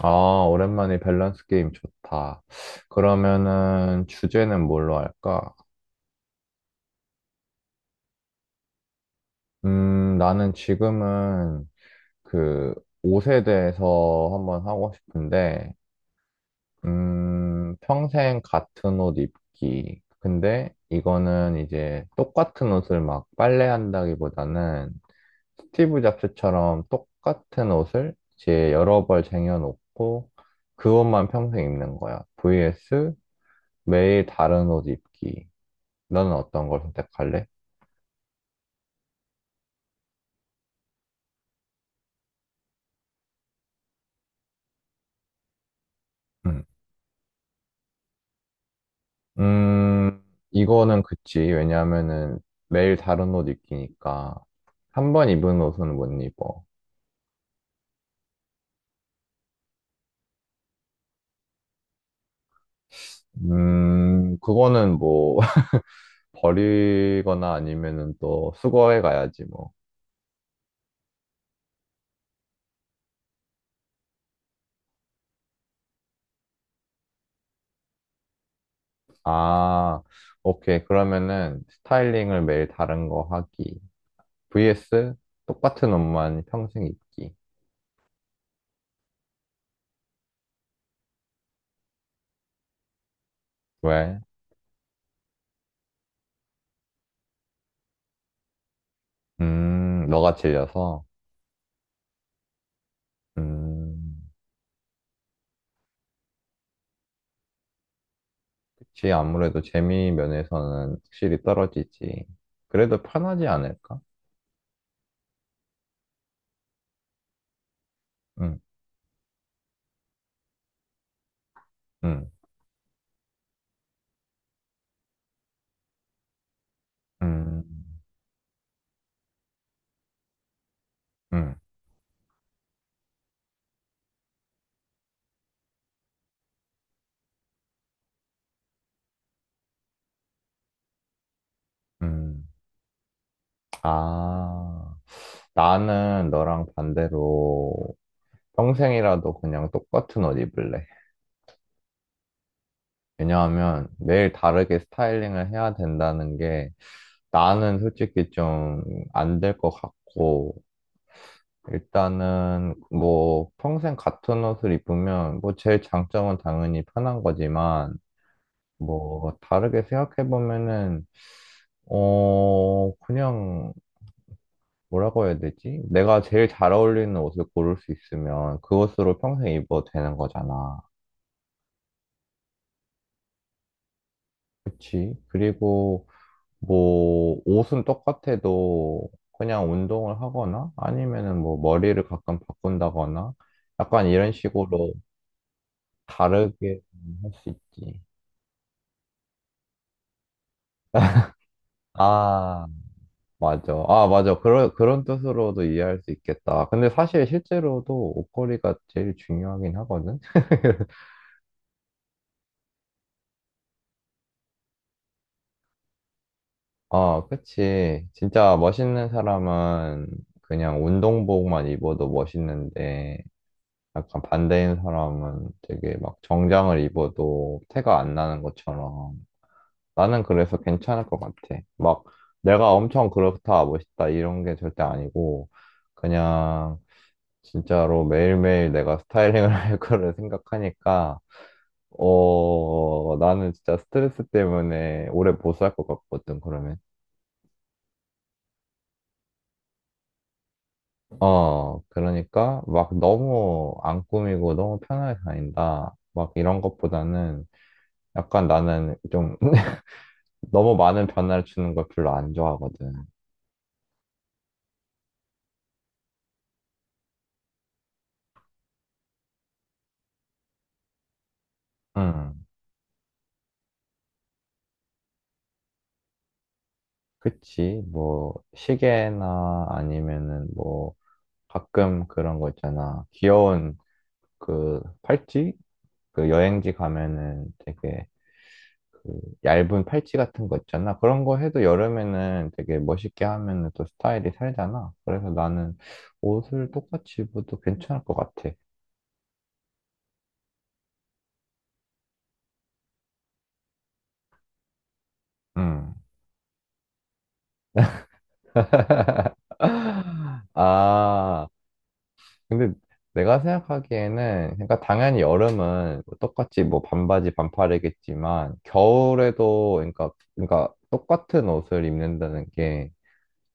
아, 오랜만에 밸런스 게임 좋다. 그러면은 주제는 뭘로 할까? 나는 지금은 그 옷에 대해서 한번 하고 싶은데, 평생 같은 옷 입기. 근데 이거는 이제 똑같은 옷을 막 빨래한다기보다는 스티브 잡스처럼 똑같은 옷을 이제 여러 벌 쟁여놓고 그 옷만 평생 입는 거야. vs 매일 다른 옷 입기. 너는 어떤 걸 선택할래? 음. 음, 이거는 그치. 왜냐하면은 매일 다른 옷 입기니까 한 번 입은 옷은 못 입어. 그거는 뭐 버리거나 아니면은 또 수거해 가야지 뭐. 아, 오케이. 그러면은 스타일링을 매일 다른 거 하기. vs 똑같은 옷만 평생 입기. 왜? 너가 질려서. 음. 그치, 아무래도 재미 면에서는 확실히 떨어지지. 그래도 편하지 않을까? 응, 응, 응, 응, 응. 아, 나는 너랑 반대로 평생이라도 그냥 똑같은 옷 입을래. 왜냐하면 매일 다르게 스타일링을 해야 된다는 게 나는 솔직히 좀 안 될 것 같고, 일단은 뭐 평생 같은 옷을 입으면 뭐 제일 장점은 당연히 편한 거지만, 뭐, 다르게 생각해보면은, 그냥, 뭐라고 해야 되지? 내가 제일 잘 어울리는 옷을 고를 수 있으면 그것으로 평생 입어도 되는 거잖아. 그치? 그리고, 뭐, 옷은 똑같아도 그냥 운동을 하거나 아니면은 뭐, 머리를 가끔 바꾼다거나 약간 이런 식으로 다르게 할 수 있지. 아. 맞아. 아, 맞아. 그런 뜻으로도 이해할 수 있겠다. 근데 사실 실제로도 옷걸이가 제일 중요하긴 하거든? 아, 그치. 진짜 멋있는 사람은 그냥 운동복만 입어도 멋있는데, 약간 반대인 사람은 되게 막 정장을 입어도 태가 안 나는 것처럼. 나는 그래서 괜찮을 것 같아. 막 내가 엄청 그렇다, 멋있다, 이런 게 절대 아니고, 그냥 진짜로 매일매일 내가 스타일링을 할 거를 생각하니까, 어, 나는 진짜 스트레스 때문에 오래 못 살 것 같거든, 그러면. 어, 그러니까 막 너무 안 꾸미고 너무 편하게 다닌다. 막 이런 것보다는 약간 나는 좀 너무 많은 변화를 주는 걸 별로 안 좋아하거든. 응, 그치. 뭐, 시계나 아니면은 뭐, 가끔 그런 거 있잖아. 귀여운 그 팔찌? 그 여행지 가면은 되게 그 얇은 팔찌 같은 거 있잖아. 그런 거 해도 여름에는 되게 멋있게 하면은 또 스타일이 살잖아. 그래서 나는 옷을 똑같이 입어도 괜찮을 것 같아. 음. 아, 근데 내가 생각하기에는, 그러니까 당연히 여름은 뭐 똑같이 뭐 반바지 반팔이겠지만, 겨울에도, 그러니까 똑같은 옷을 입는다는 게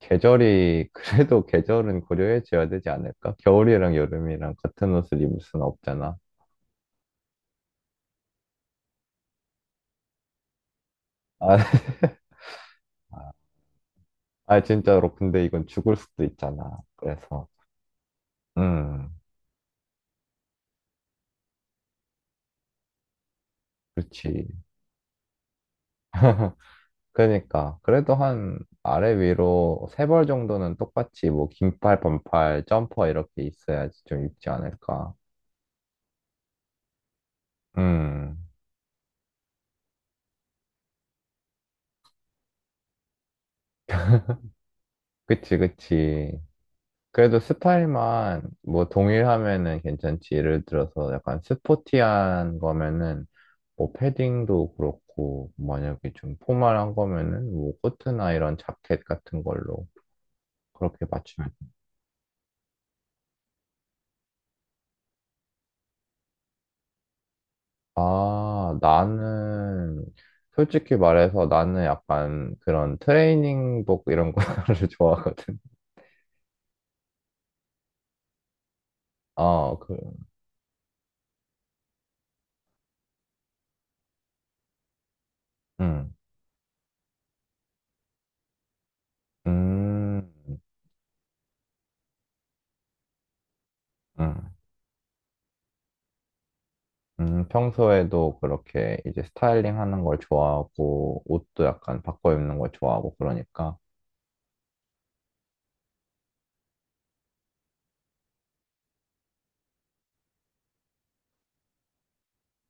계절이, 그래도 계절은 고려해줘야 되지 않을까? 겨울이랑 여름이랑 같은 옷을 입을 수는 없잖아. 아, 아, 진짜로. 근데 이건 죽을 수도 있잖아. 그래서, 음, 그렇지. 그러니까 그래도 한 아래 위로 세벌 정도는 똑같이 뭐 긴팔, 반팔, 점퍼 이렇게 있어야지 좀 입지 않을까. 음, 그치, 그치. 그래도 스타일만 뭐 동일하면은 괜찮지. 예를 들어서 약간 스포티한 거면은 뭐 패딩도 그렇고 만약에 좀 포멀한 거면은 뭐 코트나 이런 자켓 같은 걸로 그렇게 맞추면, 아, 나는 솔직히 말해서 나는 약간 그런 트레이닝복 이런 거를 좋아하거든. 아 그 음 음 음 평소에도 그렇게 이제 스타일링 하는 걸 좋아하고 옷도 약간 바꿔 입는 걸 좋아하고 그러니까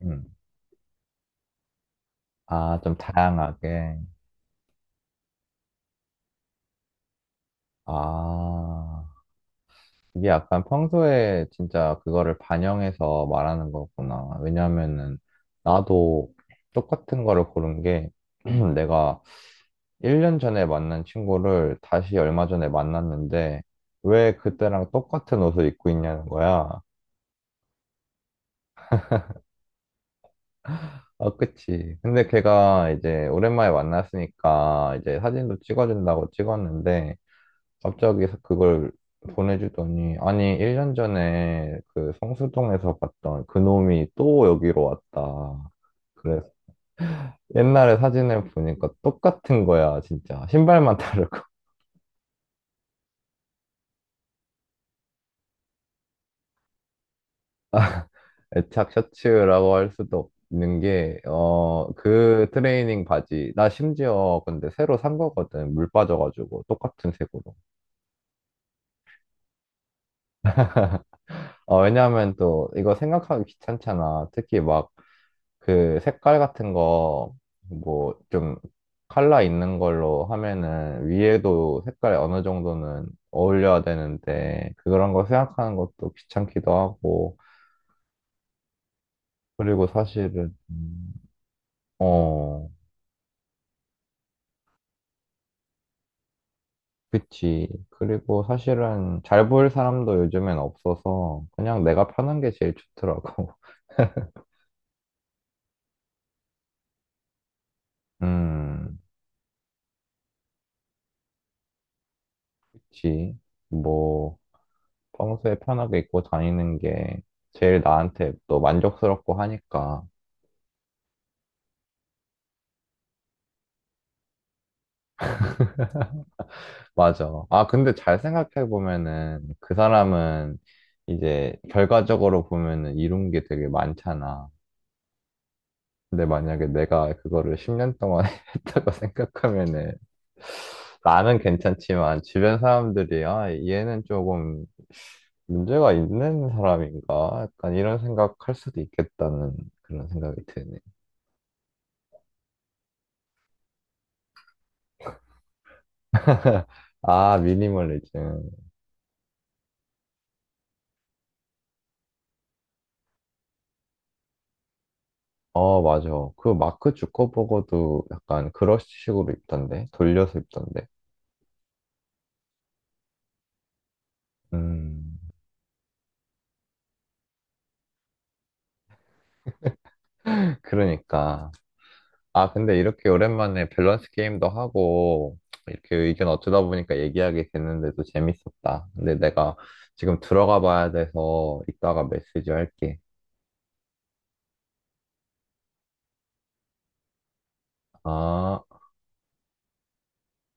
음. 아, 좀 다양하게. 아, 이게 약간 평소에 진짜 그거를 반영해서 말하는 거구나. 왜냐면은 나도 똑같은 거를 고른 게 내가 1년 전에 만난 친구를 다시 얼마 전에 만났는데 왜 그때랑 똑같은 옷을 입고 있냐는 거야. 아, 그치. 근데 걔가 이제 오랜만에 만났으니까 이제 사진도 찍어준다고 찍었는데 갑자기 그걸 보내주더니, 아니, 1년 전에 그 성수동에서 봤던 그놈이 또 여기로 왔다. 그래서 옛날에 사진을 보니까 똑같은 거야, 진짜. 신발만 다르고. 애착 셔츠라고 할 수도 없는 게, 그 트레이닝 바지. 나 심지어 근데 새로 산 거거든. 물 빠져가지고. 똑같은 색으로. 어, 왜냐하면 또 이거 생각하기 귀찮잖아. 특히 막 그 색깔 같은 거 뭐 좀 컬러 있는 걸로 하면은 위에도 색깔이 어느 정도는 어울려야 되는데 그런 거 생각하는 것도 귀찮기도 하고 그리고 사실은 어 그치, 그리고 사실은 잘 보일 사람도 요즘엔 없어서 그냥 내가 편한 게 제일 좋더라고. 음, 그치. 뭐 평소에 편하게 입고 다니는 게 제일 나한테 또 만족스럽고 하니까. 맞아. 아, 근데 잘 생각해보면은 그 사람은 이제 결과적으로 보면은 이룬 게 되게 많잖아. 근데 만약에 내가 그거를 10년 동안 했다고 생각하면은 나는 괜찮지만 주변 사람들이 아, 얘는 조금 문제가 있는 사람인가? 약간 이런 생각할 수도 있겠다는 그런 생각이 드네. 아, 미니멀리즘. 어, 맞아. 그 마크 주커버거도 약간 그런 식으로 입던데. 돌려서 입던데. 음, 그러니까. 아, 근데 이렇게 오랜만에 밸런스 게임도 하고, 이렇게 의견 어쩌다 보니까 얘기하게 됐는데도 재밌었다. 근데 내가 지금 들어가 봐야 돼서 이따가 메시지 할게. 아.